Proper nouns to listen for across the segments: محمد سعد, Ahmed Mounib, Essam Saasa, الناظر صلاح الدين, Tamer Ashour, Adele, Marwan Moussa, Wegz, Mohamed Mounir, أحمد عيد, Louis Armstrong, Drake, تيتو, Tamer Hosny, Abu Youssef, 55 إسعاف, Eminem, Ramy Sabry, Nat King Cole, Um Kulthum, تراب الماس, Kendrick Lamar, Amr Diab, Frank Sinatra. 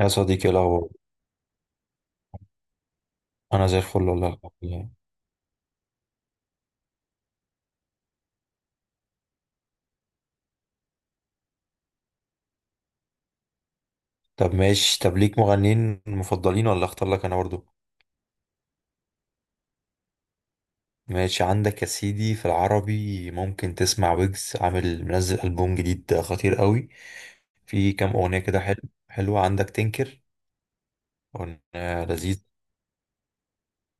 يا صديقي، إيه الاخبار؟ انا زي الفل، والله الحمد لله. طب ماشي. طب ليك مغنيين مفضلين ولا اختار لك انا برضو؟ ماشي. عندك يا سيدي في العربي ممكن تسمع ويجز، عامل منزل البوم جديد خطير قوي، في كام اغنيه كده حلو. حلوه عندك تنكر، اغنيه لذيذ.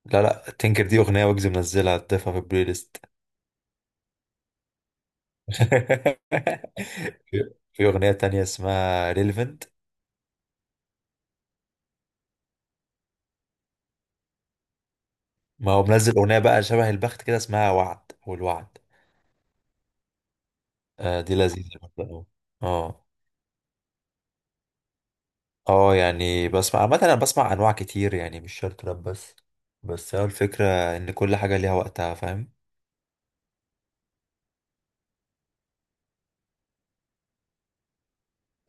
لا لا، تنكر دي اغنيه ويجز منزلها، تضيفها في البلاي ليست. في اغنيه تانية اسمها ريليفنت. ما هو منزل اغنيه بقى شبه البخت، كده اسمها وعد والوعد. آه دي لذيذة برضه أوي. اه. اه يعني بسمع عامة، انا بسمع انواع كتير يعني، مش شرط راب بس هو الفكرة ان كل حاجة ليها وقتها، فاهم.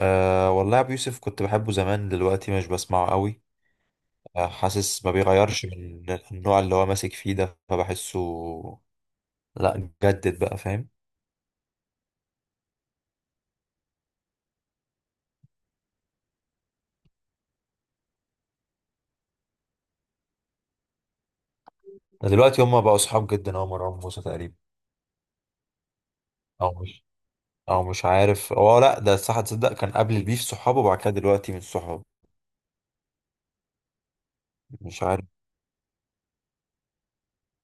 آه والله، ابو يوسف كنت بحبه زمان، دلوقتي مش بسمعه قوي. آه حاسس ما بيغيرش من النوع اللي هو ماسك فيه ده، فبحسه. لا جدد بقى، فاهم. دلوقتي هما بقوا صحاب جدا، هو مروان موسى تقريبا. او مش او مش عارف. هو لا ده صح، تصدق كان قبل البيف صحابه، وبعد كده دلوقتي من صحابه. مش عارف.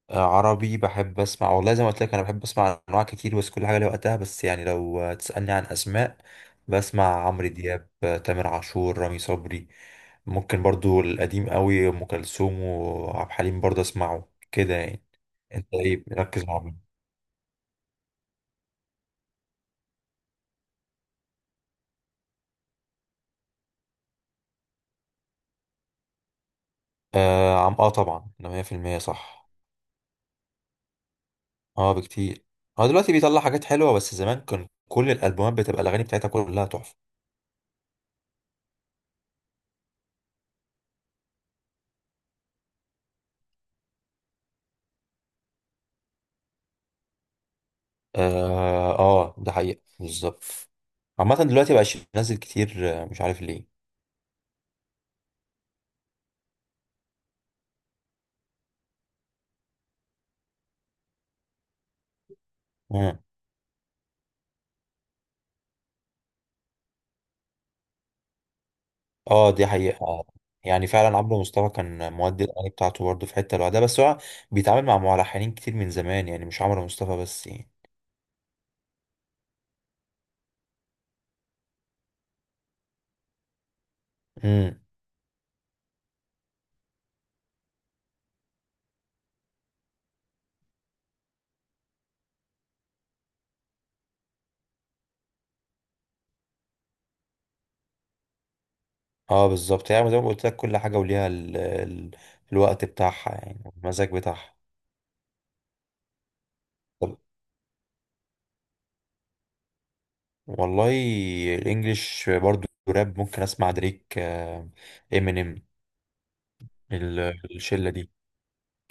عربي بحب اسمع والله، زي ما قلت لك انا بحب اسمع انواع كتير، بس كل حاجه ليها وقتها، بس يعني لو تسالني عن اسماء، بسمع عمرو دياب، تامر عاشور، رامي صبري. ممكن برضو القديم قوي، ام كلثوم وعبد الحليم برضو اسمعه كده يعني. انت ايه مركز مع مين؟ اه، طبعا ده 100% صح. اه بكتير. هو دلوقتي بيطلع حاجات حلوه، بس زمان كان كل الالبومات بتبقى الاغاني بتاعتها كلها تحفه. اه، ده حقيقة بالظبط. عامة دلوقتي مبقاش ينزل كتير، مش عارف ليه. مم. اه دي حقيقة آه. يعني فعلا عمرو مصطفى كان مودي الأغاني بتاعته برضه في حتة لوحدها، بس هو بيتعامل مع ملحنين كتير من زمان يعني، مش عمرو مصطفى بس يعني. امم اه بالظبط، يعني زي ما قلت لك كل حاجة وليها الوقت بتاعها، يعني والمزاج بتاعها. طب، والله الانجليش برضه راب، ممكن اسمع دريك، امينيم، الشلة دي.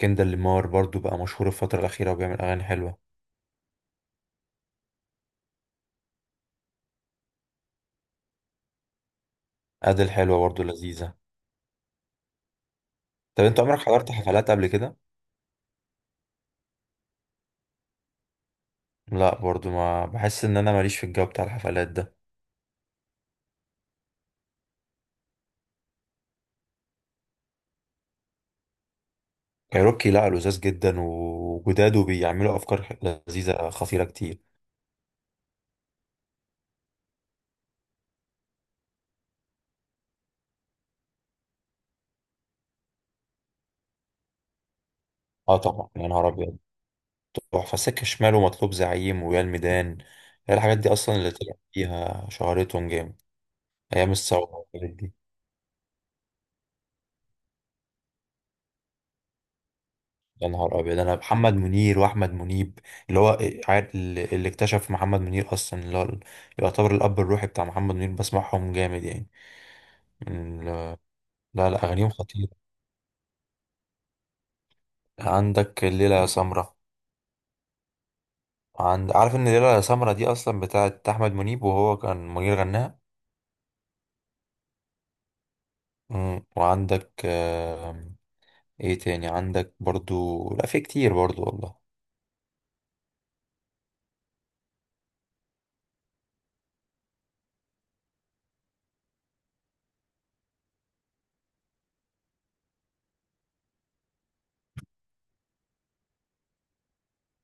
كندر لامار برضو بقى مشهور الفترة الأخيرة، وبيعمل أغاني حلوة. أديل حلوة برضو، لذيذة. طب أنت عمرك حضرت حفلات قبل كده؟ لا برضو، ما بحس إن أنا ماليش في الجو بتاع الحفلات ده. كايروكي لا، لذاذ جدا وجداد، وبيعملوا أفكار لذيذة خطيرة كتير. أه طبعا، يا نهار أبيض. تحفة، سكة شمال ومطلوب زعيم ويا الميدان، هي الحاجات دي أصلا اللي طلع فيها شهرتهم جامد. أيام الثورة والحاجات دي. يا نهار ابيض، انا محمد منير واحمد منيب اللي هو اللي اكتشف محمد منير اصلا، اللي هو يعتبر الاب الروحي بتاع محمد منير، بسمعهم جامد يعني، من لا لا، اغانيهم خطيره. عندك الليله يا سمره. عند، عارف ان الليله يا سمره دي اصلا بتاعت احمد منيب، وهو كان منير غناها. وعندك ايه تاني، عندك برضو لا، في كتير برضو والله.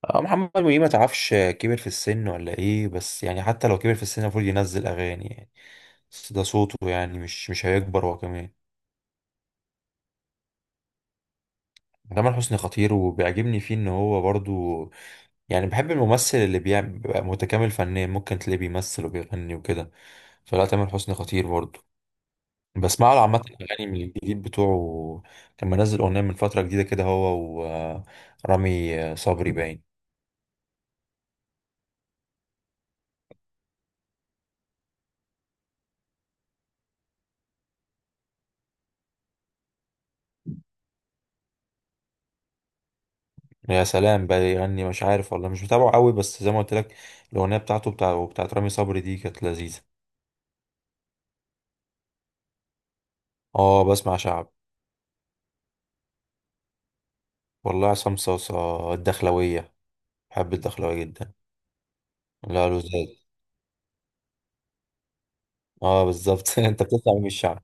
محمد منير ما تعرفش كبر في السن ولا ايه، بس يعني حتى لو كبر في السن المفروض ينزل اغاني يعني، بس ده صوته يعني مش هيكبر هو كمان. تامر حسني خطير، وبيعجبني فيه ان هو برضو يعني بحب الممثل اللي بيعمل بيبقى متكامل فنيا، ممكن تلاقيه بيمثل وبيغني وكده، فلا تامر حسني خطير برضو. بسمع له عامة الأغاني من الجديد بتوعه، كان منزل أغنية من فترة جديدة كده هو، ورامي صبري باين. يا سلام بقى يغني، مش عارف والله، مش متابعه قوي، بس زي ما قلت لك الاغنيه بتاعت رامي صبري دي كانت لذيذه. اه بسمع شعب. والله عصام صاصا الدخلويه، بحب الدخلويه جدا. لا له زاد. اه بالظبط. انت بتسمع من الشعب؟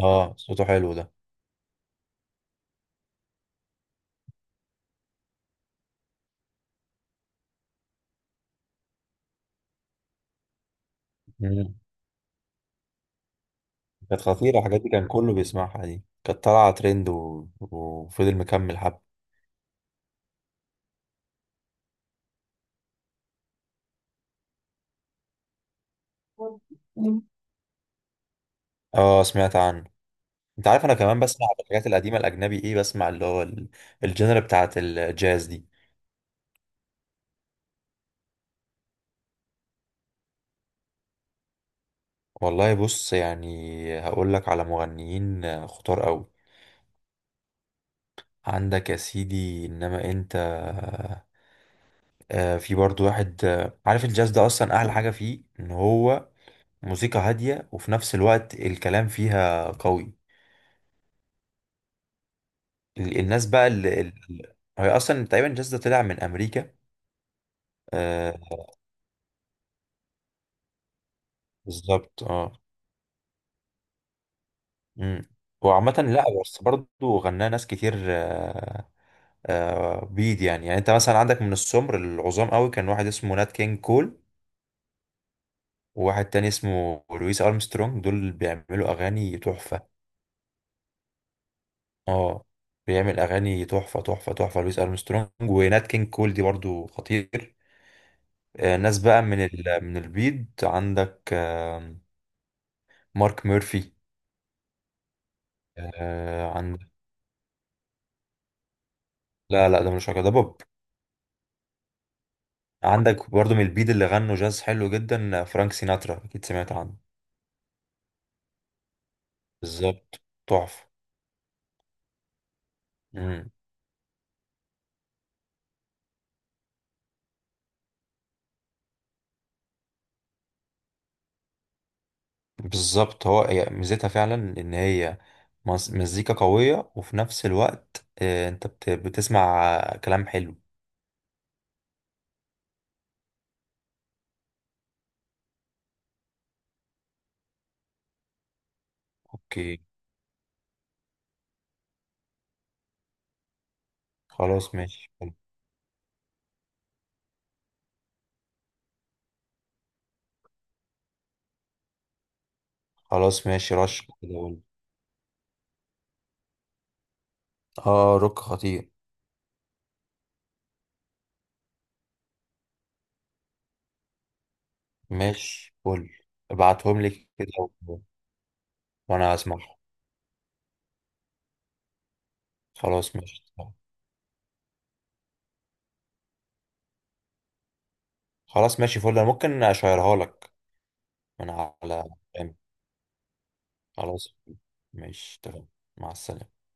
اه صوته حلو ده. مم. كانت خطيره الحاجات دي، كان كله بيسمعها، دي كانت طالعه ترند وفضل مكمل حب. اه سمعت عنه. انت عارف انا كمان بسمع الحاجات القديمه الاجنبي، ايه بسمع اللي هو الجنرا بتاعت الجاز دي. والله بص، يعني هقول لك على مغنيين خطار قوي. عندك يا سيدي، انما انت في برضو واحد، عارف الجاز ده اصلا احلى حاجة فيه ان هو موسيقى هادية، وفي نفس الوقت الكلام فيها قوي. الناس بقى هي اصلا تقريبا الجاز ده طلع من امريكا. آه، بالظبط اه. مم. وعامة لا بس برضو غناه ناس كتير، بيض يعني، يعني انت مثلا عندك من السمر العظام قوي كان واحد اسمه نات كينج كول، وواحد تاني اسمه لويس ارمسترونج، دول بيعملوا اغاني تحفه. اه بيعمل اغاني تحفه تحفه تحفه، لويس ارمسترونج ونات كينج كول دي برضو خطير. ناس بقى من من البيض عندك مارك ميرفي. عندك لا لا، ده مش علاقة، ده بوب. عندك برضو من البيض اللي غنوا جاز حلو جدا، فرانك سيناترا اكيد سمعت عنه. بالظبط، تحفه. مم. بالظبط، هو هي ميزتها فعلا ان هي مزيكا قوية، وفي نفس الوقت انت بتسمع كلام حلو. اوكي. خلاص ماشي فل. خلاص ماشي، رش كده قول. اه روك خطير. ماشي فل، ابعتهم لي كده، و- وانا هسمعهم. خلاص ماشي. خلاص ماشي فل، انا ممكن اشيرها لك من على. خلاص. ماشي تمام. مع السلامة.